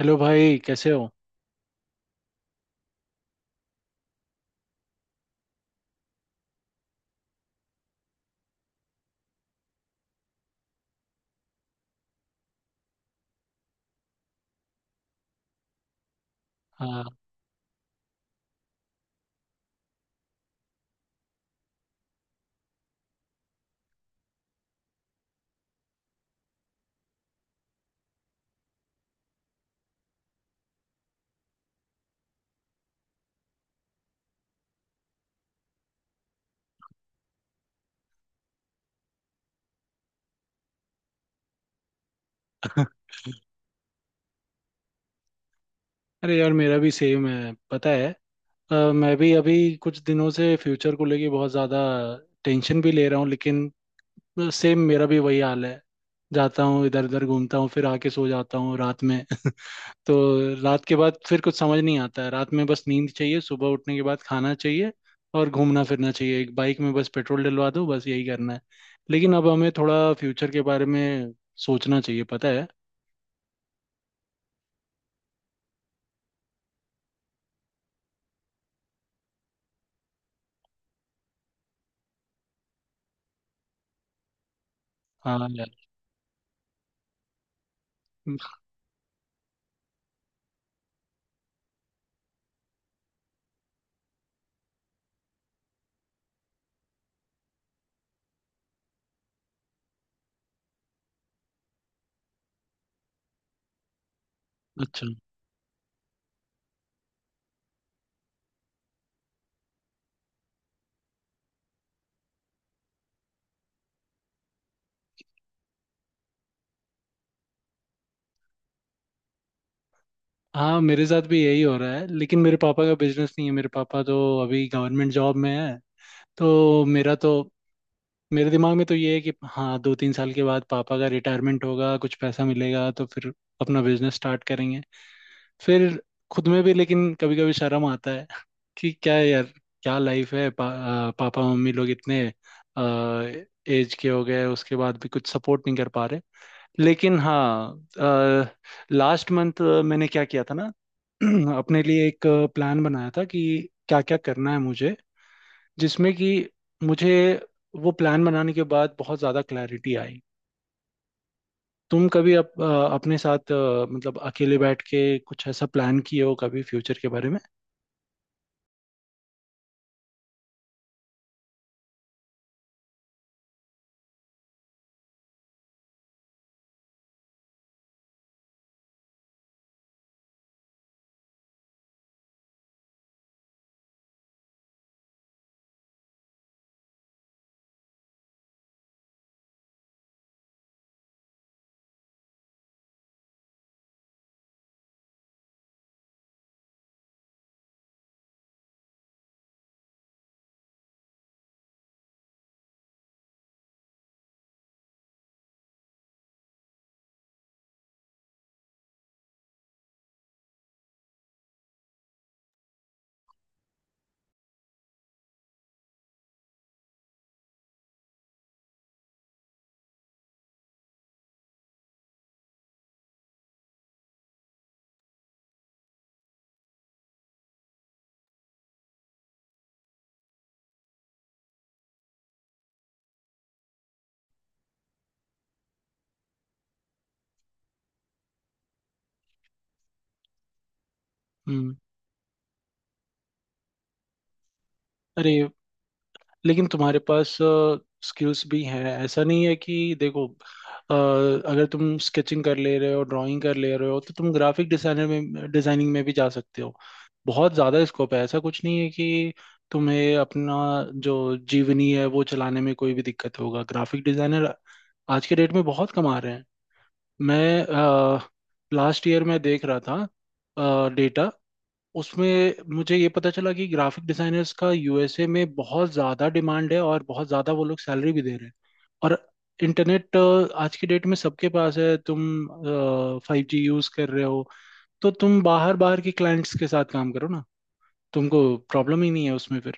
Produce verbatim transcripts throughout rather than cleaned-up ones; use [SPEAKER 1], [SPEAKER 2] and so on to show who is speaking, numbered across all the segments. [SPEAKER 1] Hello भाई कैसे हो। हाँ। अरे यार मेरा भी सेम है पता है। अ, मैं भी अभी कुछ दिनों से फ्यूचर को लेके बहुत ज़्यादा टेंशन भी ले रहा हूँ। लेकिन सेम मेरा भी वही हाल है। जाता हूँ इधर उधर घूमता हूँ फिर आके सो जाता हूँ रात में। तो रात के बाद फिर कुछ समझ नहीं आता है। रात में बस नींद चाहिए, सुबह उठने के बाद खाना चाहिए और घूमना फिरना चाहिए। एक बाइक में बस पेट्रोल डलवा दो, बस यही करना है। लेकिन अब हमें थोड़ा फ्यूचर के बारे में सोचना चाहिए पता है। हाँ यार। अच्छा। हाँ मेरे साथ भी यही हो रहा है, लेकिन मेरे पापा का बिजनेस नहीं है। मेरे पापा तो अभी गवर्नमेंट जॉब में है। तो मेरा तो मेरे दिमाग में तो ये है कि हाँ, दो तीन साल के बाद पापा का रिटायरमेंट होगा, कुछ पैसा मिलेगा तो फिर अपना बिजनेस स्टार्ट करेंगे फिर खुद में भी। लेकिन कभी कभी शर्म आता है कि क्या है यार। क्या लाइफ है। पा, आ, पापा मम्मी लोग इतने एज के हो गए, उसके बाद भी कुछ सपोर्ट नहीं कर पा रहे। लेकिन हाँ, लास्ट मंथ मैंने क्या किया था ना, अपने लिए एक प्लान बनाया था कि क्या क्या करना है मुझे, जिसमें कि मुझे वो प्लान बनाने के बाद बहुत ज़्यादा क्लैरिटी आई। तुम कभी अप, अ, अपने साथ अ, मतलब अकेले बैठ के कुछ ऐसा प्लान किए हो कभी फ्यूचर के बारे में? हम्म। अरे लेकिन तुम्हारे पास स्किल्स भी हैं। ऐसा नहीं है कि देखो, अ, अगर तुम स्केचिंग कर ले रहे हो, ड्राइंग कर ले रहे हो, तो तुम ग्राफिक डिजाइनर में डिजाइनिंग में भी जा सकते हो। बहुत ज़्यादा स्कोप है। ऐसा कुछ नहीं है कि तुम्हें अपना जो जीवनी है वो चलाने में कोई भी दिक्कत होगा। ग्राफिक डिजाइनर आज के डेट में बहुत कमा रहे हैं। मैं लास्ट ईयर में देख रहा था डेटा, उसमें मुझे ये पता चला कि ग्राफिक डिजाइनर्स का यूएसए में बहुत ज़्यादा डिमांड है और बहुत ज़्यादा वो लोग सैलरी भी दे रहे हैं। और इंटरनेट आज की डेट में सबके पास है, तुम फाइव जी यूज़ कर रहे हो, तो तुम बाहर बाहर के क्लाइंट्स के साथ काम करो ना। तुमको प्रॉब्लम ही नहीं है उसमें फिर।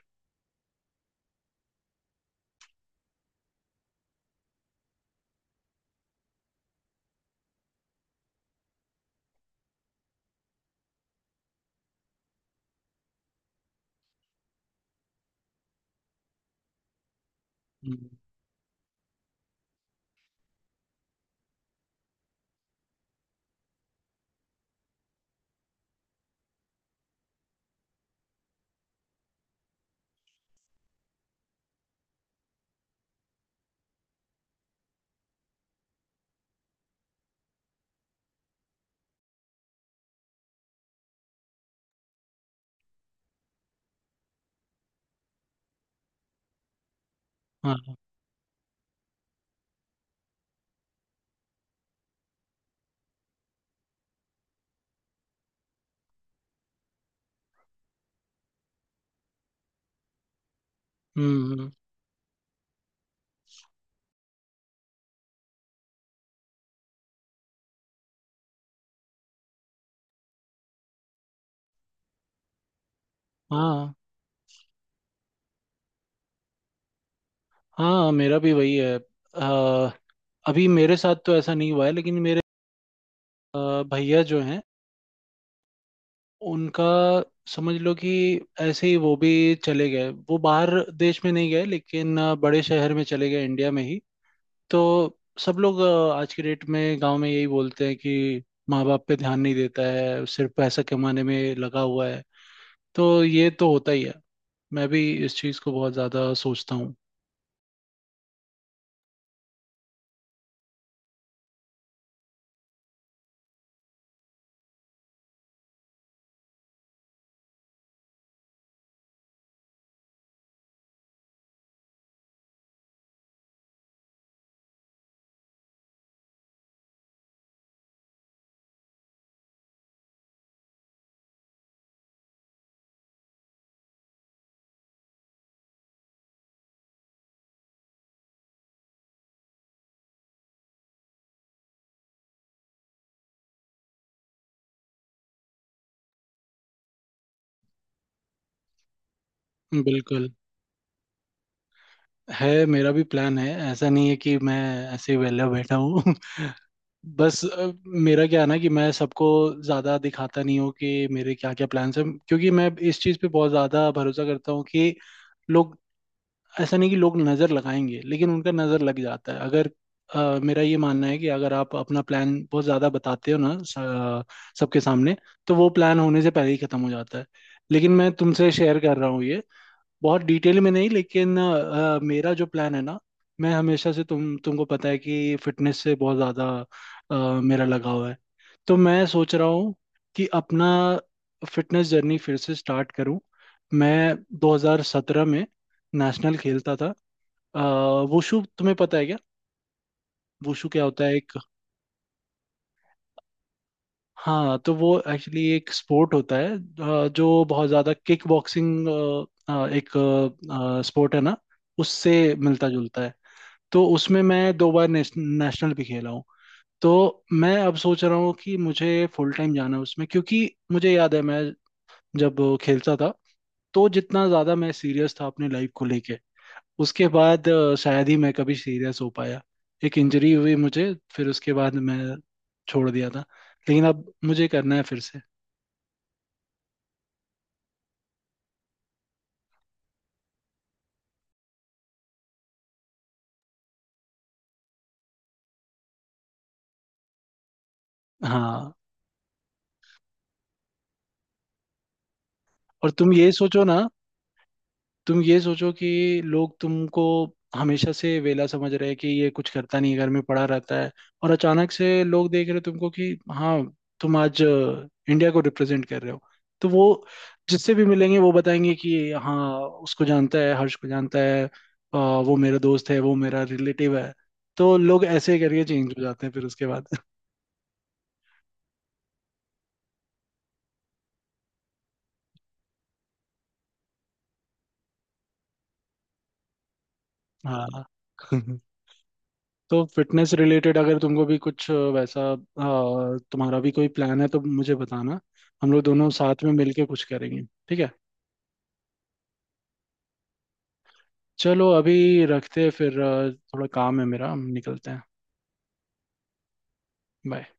[SPEAKER 1] हम्म। हाँ। हम्म हम्म। हाँ हाँ मेरा भी वही है। अ, अभी मेरे साथ तो ऐसा नहीं हुआ है, लेकिन मेरे अ, भैया जो हैं उनका समझ लो कि ऐसे ही वो भी चले गए। वो बाहर देश में नहीं गए, लेकिन अ, बड़े शहर में चले गए इंडिया में ही। तो सब लोग अ, आज की डेट में गांव में यही बोलते हैं कि माँ बाप पे ध्यान नहीं देता है, सिर्फ पैसा कमाने में लगा हुआ है। तो ये तो होता ही है। मैं भी इस चीज़ को बहुत ज़्यादा सोचता हूँ। बिल्कुल है मेरा भी प्लान है। ऐसा नहीं है कि मैं ऐसे ही वेला बैठा हूँ। बस अ, मेरा क्या है ना कि मैं सबको ज़्यादा दिखाता नहीं हूँ कि मेरे क्या क्या प्लान्स हैं, क्योंकि मैं इस चीज़ पे बहुत ज़्यादा भरोसा करता हूँ कि लोग, ऐसा नहीं कि लोग नज़र लगाएंगे, लेकिन उनका नज़र लग जाता है। अगर अ, मेरा ये मानना है कि अगर आप अपना प्लान बहुत ज़्यादा बताते हो ना स- सबके सामने, तो वो प्लान होने से पहले ही ख़त्म हो जाता है। लेकिन मैं तुमसे शेयर कर रहा हूँ ये, बहुत डिटेल में नहीं, लेकिन अ, मेरा जो प्लान है ना, मैं हमेशा से तुम तुमको पता है कि फिटनेस से बहुत ज़्यादा अ, मेरा लगाव है। तो मैं सोच रहा हूँ कि अपना फिटनेस जर्नी फिर से स्टार्ट करूँ। मैं दो हज़ार सत्रह में नेशनल खेलता था। अ, वुशु तुम्हें पता है क्या वुशु क्या होता है एक। हाँ तो वो एक्चुअली एक स्पोर्ट होता है, अ, जो बहुत ज़्यादा किक बॉक्सिंग एक स्पोर्ट है ना उससे मिलता जुलता है। तो उसमें मैं दो बार नेश, नेशनल भी खेला हूँ। तो मैं अब सोच रहा हूँ कि मुझे फुल टाइम जाना है उसमें, क्योंकि मुझे याद है मैं जब खेलता था तो जितना ज़्यादा मैं सीरियस था अपने लाइफ को लेके, उसके बाद अ, शायद ही मैं कभी सीरियस हो पाया। एक इंजरी हुई मुझे, फिर उसके बाद मैं छोड़ दिया था। लेकिन अब मुझे करना है फिर से। हाँ और तुम ये सोचो ना, तुम ये सोचो कि लोग तुमको हमेशा से वेला समझ रहे हैं कि ये कुछ करता नहीं है, घर में पड़ा रहता है, और अचानक से लोग देख रहे हैं तुमको कि हाँ तुम आज अ, इंडिया को रिप्रेजेंट कर रहे हो। तो वो जिससे भी मिलेंगे वो बताएंगे कि हाँ उसको जानता है, हर्ष को जानता है, अ, वो मेरा दोस्त है, वो मेरा रिलेटिव है। तो लोग ऐसे करके चेंज हो जाते हैं फिर उसके बाद। हाँ। तो फिटनेस रिलेटेड अगर तुमको भी कुछ अ, वैसा अ, तुम्हारा भी कोई प्लान है तो मुझे बताना। हम लोग दोनों साथ में मिलके कुछ करेंगे। ठीक है चलो अभी रखते हैं, फिर अ, थोड़ा काम है मेरा, हम निकलते हैं। बाय।